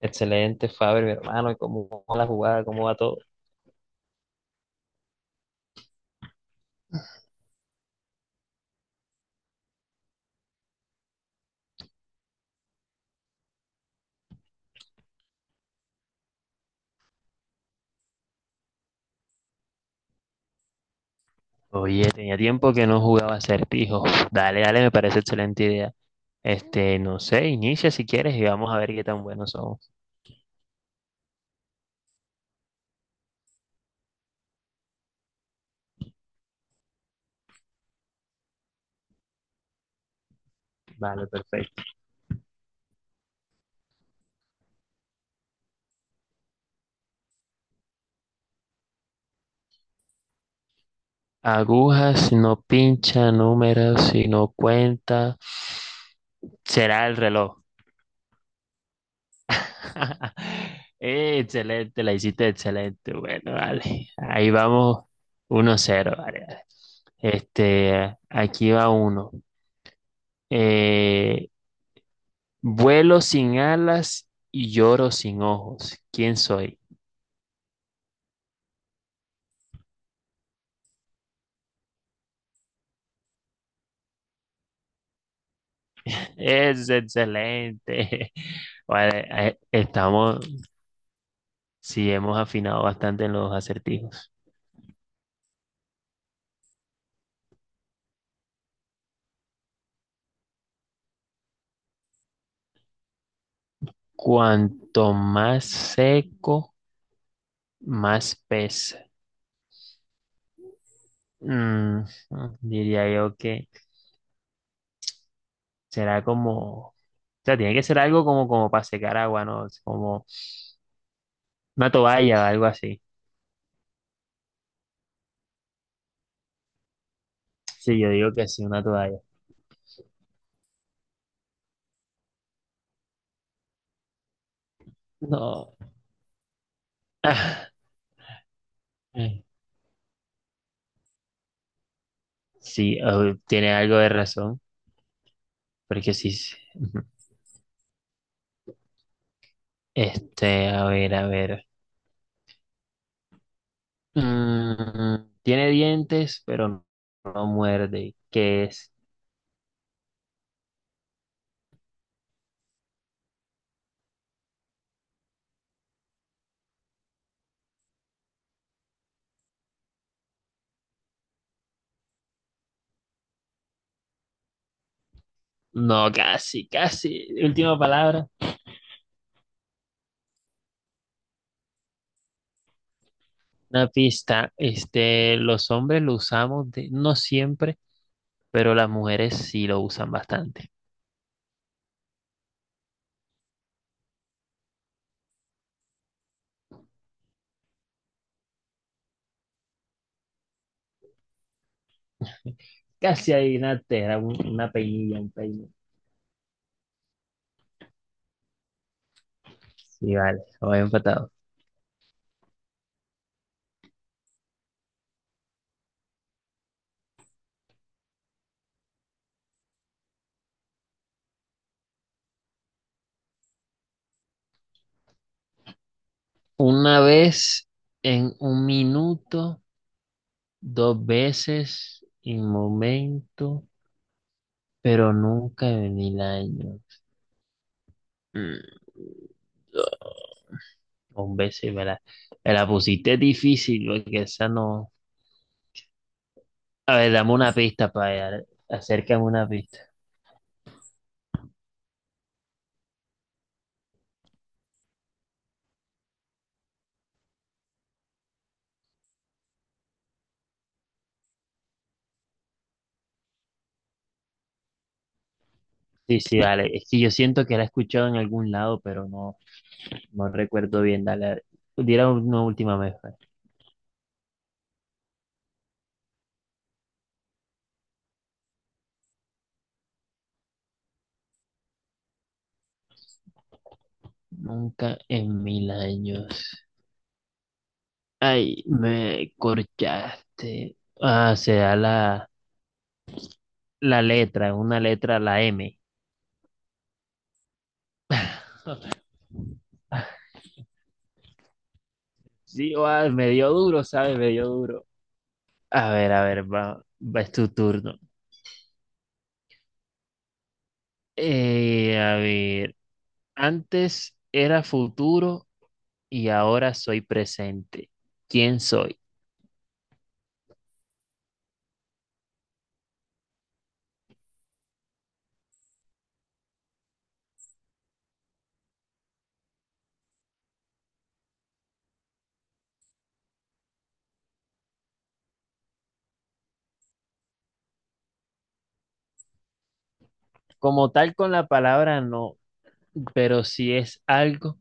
Excelente, Faber, mi hermano, ¿cómo va la jugada? ¿Cómo va todo? Oye, tenía tiempo que no jugaba acertijos. Dale, dale, me parece excelente idea. Este, no sé, inicia si quieres y vamos a ver qué tan buenos somos. Vale, perfecto. Agujas si no pincha, números si no cuenta, será el reloj. Excelente, la hiciste excelente. Bueno, vale, ahí vamos. Uno cero, vale, vale. Este, aquí va uno. Eh, Vuelo sin alas y lloro sin ojos. ¿Quién soy? Es excelente. Vale, estamos, sí, hemos afinado bastante en los acertijos. Cuanto más seco, más pesa. Mm, diría yo que será como, o sea, tiene que ser algo como, como para secar agua, ¿no? Es como una toalla, algo así. Sí, yo digo que sí, una toalla. No. Eh, sí, oh, tiene algo de razón, porque sí. Sí. Ujú. Este, a ver, a ver. Tiene dientes, pero no muerde. ¿Qué es? No, casi, casi. Última palabra. Una pista. Este, los hombres lo usamos de- no siempre, pero las mujeres sí lo usan bastante. Casi adivinaste, era un- una peinilla, un peine. Sí, vale, voy empatado. Una vez en un minuto, dos veces en momento, pero nunca en el año. Mm, Hombre, sí, me la pusiste difícil, porque esa no. A ver, dame una pista para allá. Acércame una pista. Sí, sí, dale. Es que yo siento que la he escuchado en algún lado, pero no, no recuerdo bien. Dale, dale. Diera una última vez, pues. Nunca en mil años. Ay, me corchaste. Ah, se la. La letra, una letra, la M. Sí, va, me dio duro, ¿sabes? Me dio duro. A ver, va, va, es tu turno. A ver, antes era futuro y ahora soy presente. ¿Quién soy? Como tal con la palabra no, pero si es algo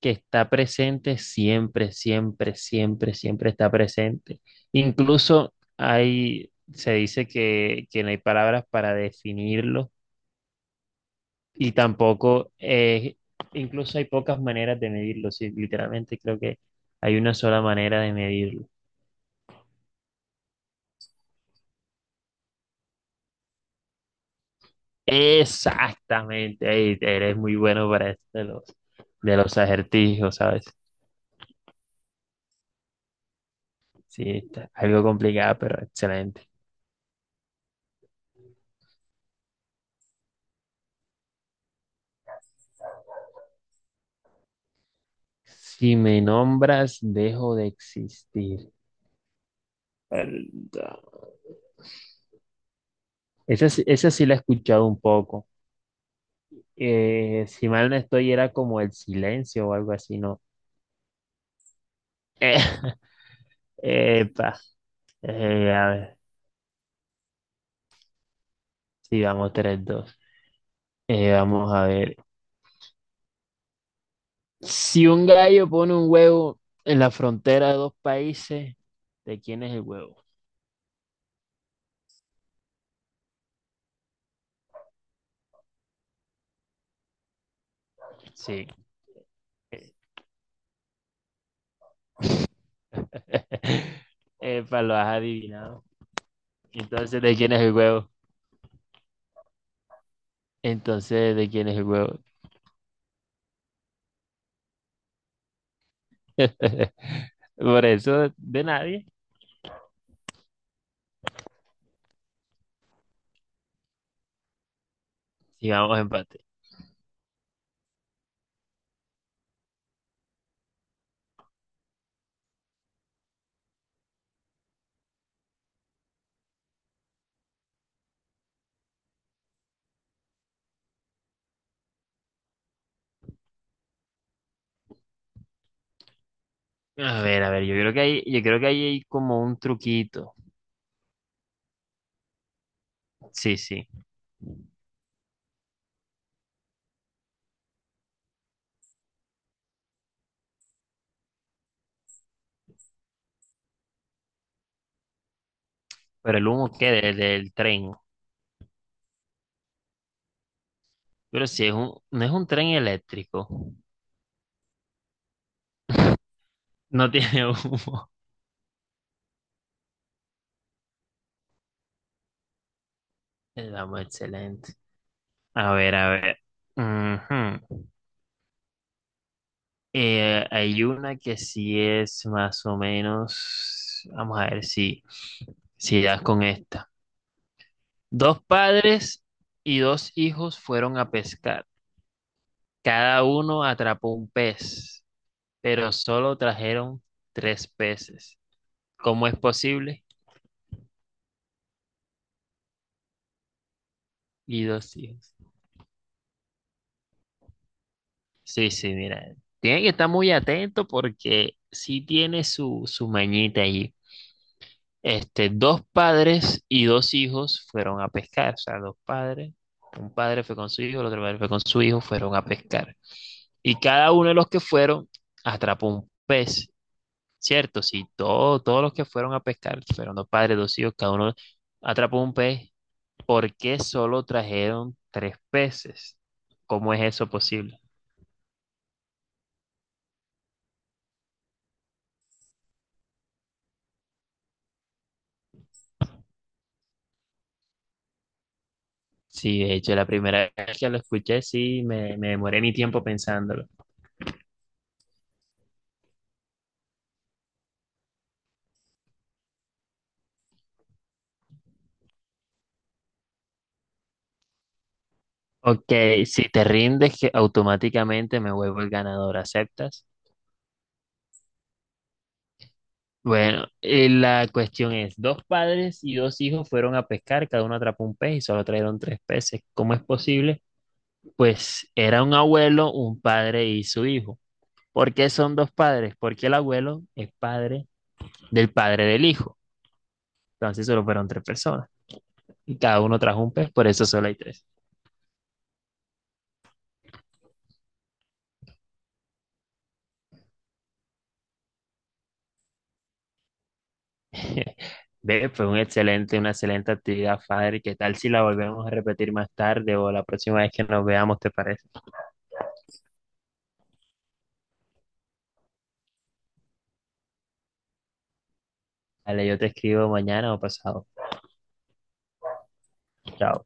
que está presente siempre, siempre, siempre, siempre está presente. Incluso hay, se dice que no hay palabras para definirlo y tampoco, incluso hay pocas maneras de medirlo, sí, literalmente creo que hay una sola manera de medirlo. Exactamente, ey, eres muy bueno para esto de los acertijos, ¿sabes? Sí, está algo complicado, pero excelente. Si me nombras, dejo de existir. Verdad. Esa sí la he escuchado un poco. Si mal no estoy, era como el silencio o algo así, ¿no? Eh, epa, a ver. Sí, vamos tres dos. Vamos a ver. Si un gallo pone un huevo en la frontera de dos países, ¿de quién es el huevo? Sí. Epa, lo has adivinado. Entonces, ¿de quién es el huevo? Entonces, ¿de quién es el huevo? Por eso, de nadie. Sigamos empate. A ver, yo creo que hay, yo creo que ahí hay como un truquito. Sí, sí. Pero el humo qué del tren. Pero si es un, no es un tren eléctrico. No tiene humo. El amo, excelente. A ver, a ver. Ujú. Hay una que sí es más o menos. Vamos a ver si, si das con esta. Dos padres y dos hijos fueron a pescar. Cada uno atrapó un pez, pero solo trajeron tres peces. ¿Cómo es posible? Y dos hijos. Sí, sí, mira. Tiene que estar muy atento porque sí tiene su, su mañita allí. Este, dos padres y dos hijos fueron a pescar, o sea, dos padres, un padre fue con su hijo, el otro padre fue con su hijo, fueron a pescar. Y cada uno de los que fueron atrapó un pez, ¿cierto? Sí, todo- todos los que fueron a pescar, fueron dos padres, dos hijos, cada uno atrapó un pez. ¿Por qué solo trajeron tres peces? ¿Cómo es eso posible? Sí, de hecho, la primera vez que lo escuché, sí, me demoré mi tiempo pensándolo. Ok, si te rindes, que automáticamente me vuelvo el ganador, ¿aceptas? Bueno, la cuestión es, dos padres y dos hijos fueron a pescar, cada uno atrapó un pez y solo trajeron tres peces. ¿Cómo es posible? Pues era un abuelo, un padre y su hijo. ¿Por qué son dos padres? Porque el abuelo es padre del hijo. Entonces solo fueron tres personas y cada uno trajo un pez, por eso solo hay tres. Ve, fue un excelente, una excelente actividad, Fader. ¿Qué tal si la volvemos a repetir más tarde o la próxima vez que nos veamos, te parece? Dale, yo te escribo mañana o pasado. Chao.